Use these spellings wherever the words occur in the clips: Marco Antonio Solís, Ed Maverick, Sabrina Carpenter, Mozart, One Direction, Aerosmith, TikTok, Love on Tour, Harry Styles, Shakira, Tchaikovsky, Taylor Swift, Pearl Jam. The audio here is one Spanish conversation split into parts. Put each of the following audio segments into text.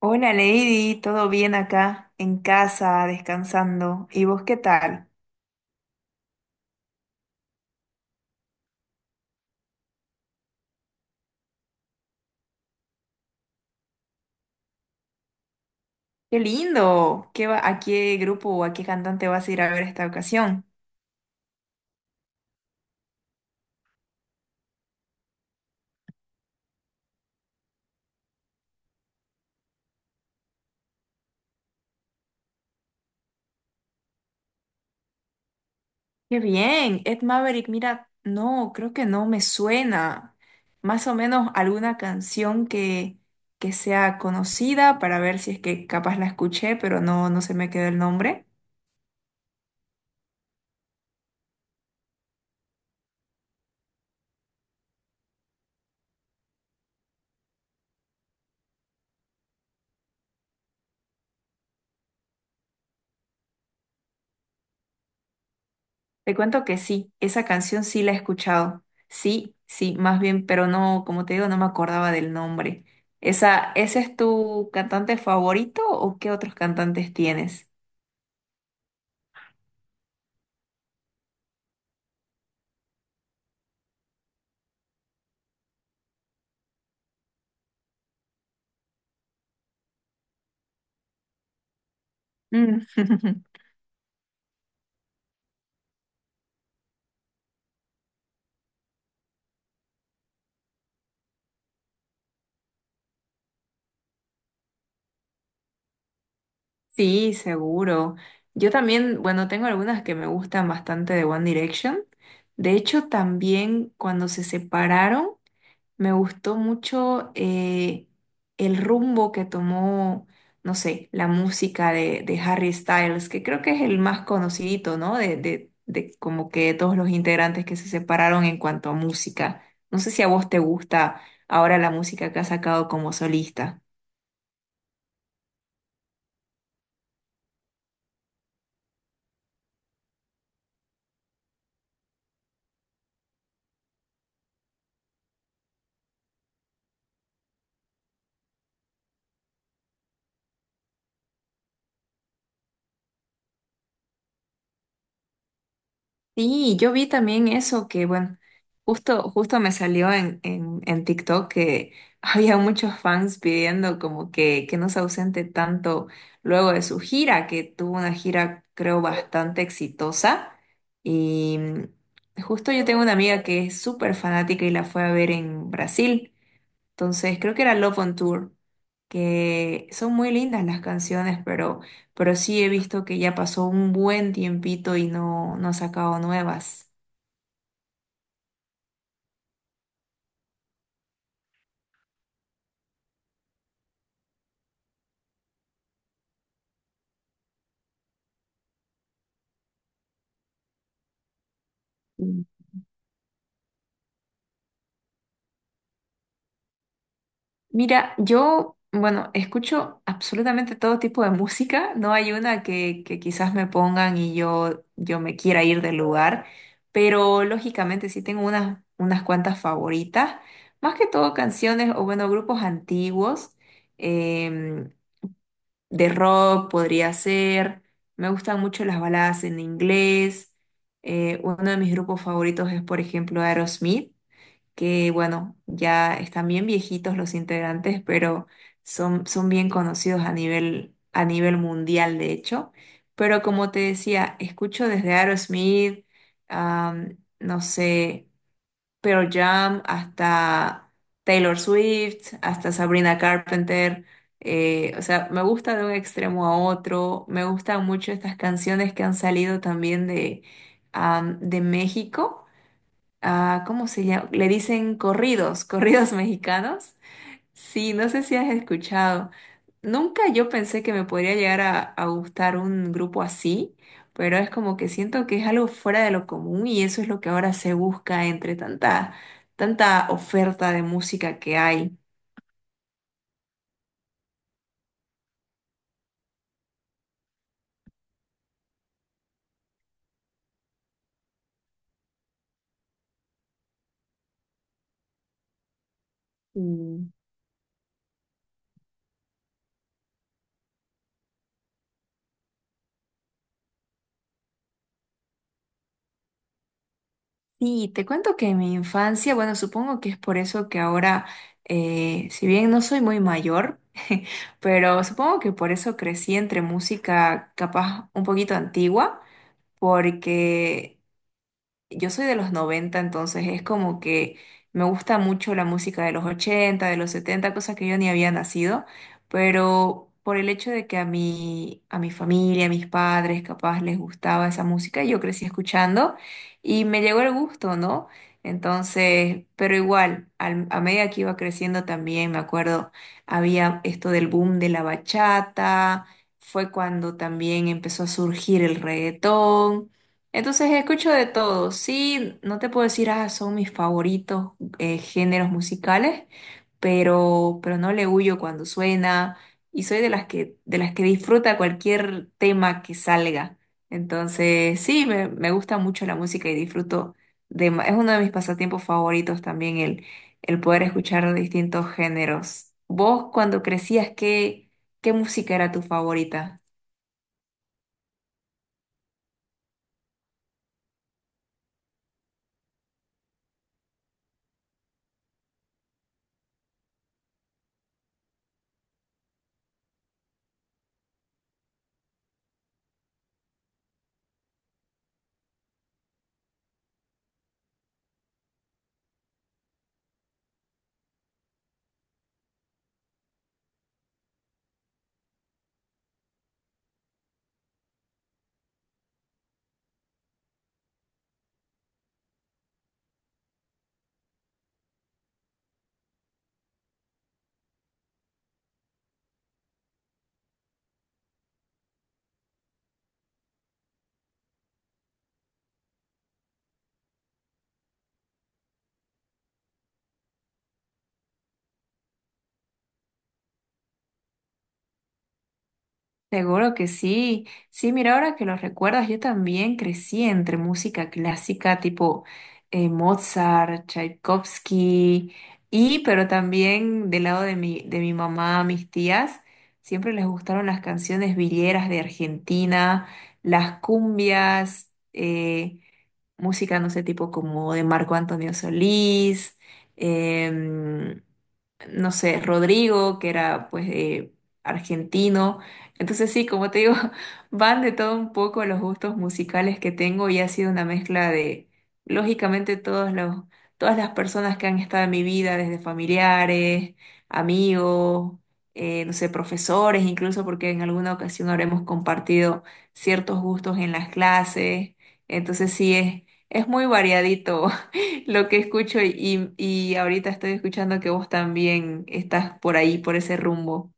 Hola Lady, ¿todo bien acá en casa, descansando? ¿Y vos qué tal? ¡Qué lindo! ¿Qué va, a qué grupo o a qué cantante vas a ir a ver esta ocasión? ¡Qué bien! Ed Maverick, mira, no, creo que no me suena. Más o menos alguna canción que sea conocida para ver si es que capaz la escuché, pero no, no se me quedó el nombre. Te cuento que sí, esa canción sí la he escuchado. Sí, sí, más bien, pero no, como te digo, no me acordaba del nombre. Esa, ¿ese es tu cantante favorito o qué otros cantantes tienes? Mm. Sí, seguro. Yo también, bueno, tengo algunas que me gustan bastante de One Direction. De hecho, también cuando se separaron, me gustó mucho el rumbo que tomó, no sé, la música de Harry Styles, que creo que es el más conocidito, ¿no? De como que todos los integrantes que se separaron en cuanto a música. No sé si a vos te gusta ahora la música que ha sacado como solista. Sí, yo vi también eso que, bueno, justo me salió en TikTok que había muchos fans pidiendo como que no se ausente tanto luego de su gira, que tuvo una gira creo bastante exitosa. Y justo yo tengo una amiga que es súper fanática y la fue a ver en Brasil. Entonces, creo que era Love on Tour, que son muy lindas las canciones, pero sí he visto que ya pasó un buen tiempito y no, no ha sacado nuevas. Mm. Mira, yo, bueno, escucho absolutamente todo tipo de música, no hay una que quizás me pongan y yo me quiera ir del lugar, pero lógicamente sí tengo unas cuantas favoritas, más que todo canciones o bueno, grupos antiguos. em, de rock podría ser. Me gustan mucho las baladas en inglés. Uno de mis grupos favoritos es, por ejemplo, Aerosmith, que bueno, ya están bien viejitos los integrantes, pero son, son bien conocidos a a nivel mundial, de hecho. Pero como te decía, escucho desde Aerosmith, no sé. Pearl Jam, hasta Taylor Swift, hasta Sabrina Carpenter. O sea, me gusta de un extremo a otro. Me gustan mucho estas canciones que han salido también de, de México. Ah, ¿cómo se llama? Le dicen corridos, corridos mexicanos. Sí, no sé si has escuchado. Nunca yo pensé que me podría llegar a gustar un grupo así, pero es como que siento que es algo fuera de lo común y eso es lo que ahora se busca entre tanta, tanta oferta de música que hay. Mm. Sí, te cuento que en mi infancia, bueno, supongo que es por eso que ahora, si bien no soy muy mayor, pero supongo que por eso crecí entre música capaz un poquito antigua, porque… Yo soy de los noventa, entonces es como que me gusta mucho la música de los ochenta, de los setenta, cosas que yo ni había nacido, pero por el hecho de que a mi familia, a mis padres, capaz les gustaba esa música, yo crecí escuchando y me llegó el gusto, ¿no? Entonces, pero igual, a medida que iba creciendo también, me acuerdo, había esto del boom de la bachata, fue cuando también empezó a surgir el reggaetón. Entonces escucho de todo. Sí, no te puedo decir, ah, son mis favoritos géneros musicales, pero no le huyo cuando suena y soy de las de las que disfruta cualquier tema que salga. Entonces, sí, me gusta mucho la música y disfruto de, es uno de mis pasatiempos favoritos también el poder escuchar distintos géneros. ¿Vos cuando crecías, qué música era tu favorita? Seguro que sí. Sí, mira, ahora que lo recuerdas, yo también crecí entre música clásica tipo Mozart, Tchaikovsky, y pero también del lado de mi mamá, mis tías, siempre les gustaron las canciones villeras de Argentina, las cumbias, música, no sé, tipo como de Marco Antonio Solís. em, no sé, Rodrigo, que era pues argentino. Entonces sí, como te digo, van de todo un poco los gustos musicales que tengo y ha sido una mezcla de, lógicamente, todos los, todas las personas que han estado en mi vida, desde familiares, amigos, no sé, profesores, incluso porque en alguna ocasión habremos compartido ciertos gustos en las clases. Entonces sí, es muy variadito. Lo que escucho. Y ahorita estoy escuchando que vos también estás por ahí, por ese rumbo.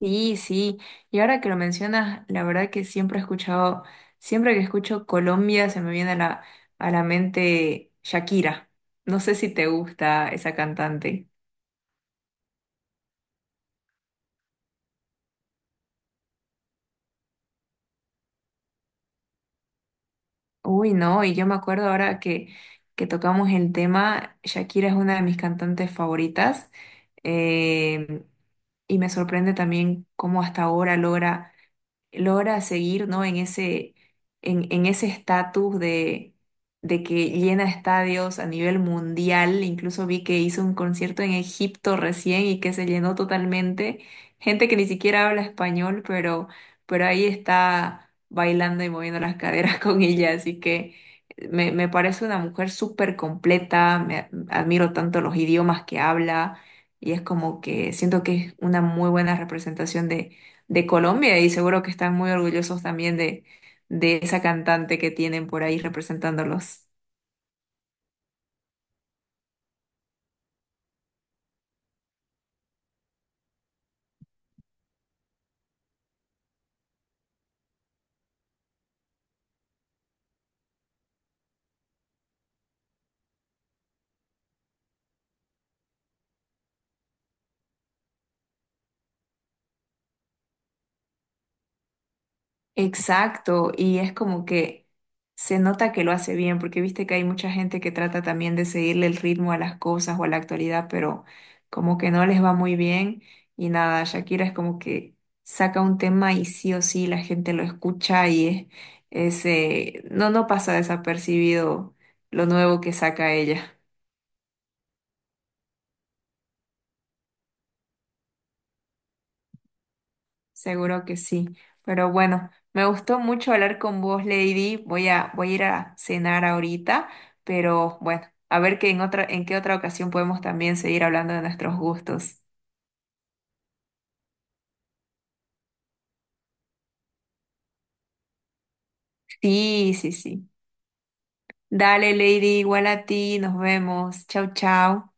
Sí, sí. Y ahora que lo mencionas, la verdad que siempre he escuchado, siempre que escucho Colombia se me viene a a la mente Shakira. No sé si te gusta esa cantante. Uy, no, y yo me acuerdo ahora que tocamos el tema, Shakira es una de mis cantantes favoritas. Eh, y me sorprende también cómo hasta ahora logra logra seguir, ¿no? En ese, en ese estatus de que llena estadios a nivel mundial. Incluso vi que hizo un concierto en Egipto recién y que se llenó totalmente. Gente que ni siquiera habla español, pero ahí está bailando y moviendo las caderas con ella. Así que me parece una mujer súper completa. Me admiro tanto los idiomas que habla. Y es como que siento que es una muy buena representación de Colombia y seguro que están muy orgullosos también de esa cantante que tienen por ahí representándolos. Exacto, y es como que se nota que lo hace bien, porque viste que hay mucha gente que trata también de seguirle el ritmo a las cosas o a la actualidad, pero como que no les va muy bien y nada, Shakira es como que saca un tema y sí o sí la gente lo escucha y es, no, no pasa desapercibido lo nuevo que saca ella. Seguro que sí. Pero bueno, me gustó mucho hablar con vos, Lady. Voy a ir a cenar ahorita, pero bueno, a ver que en otra, en qué otra ocasión podemos también seguir hablando de nuestros gustos. Sí, sí, sí. Dale, Lady, igual a ti, nos vemos. Chau, chau.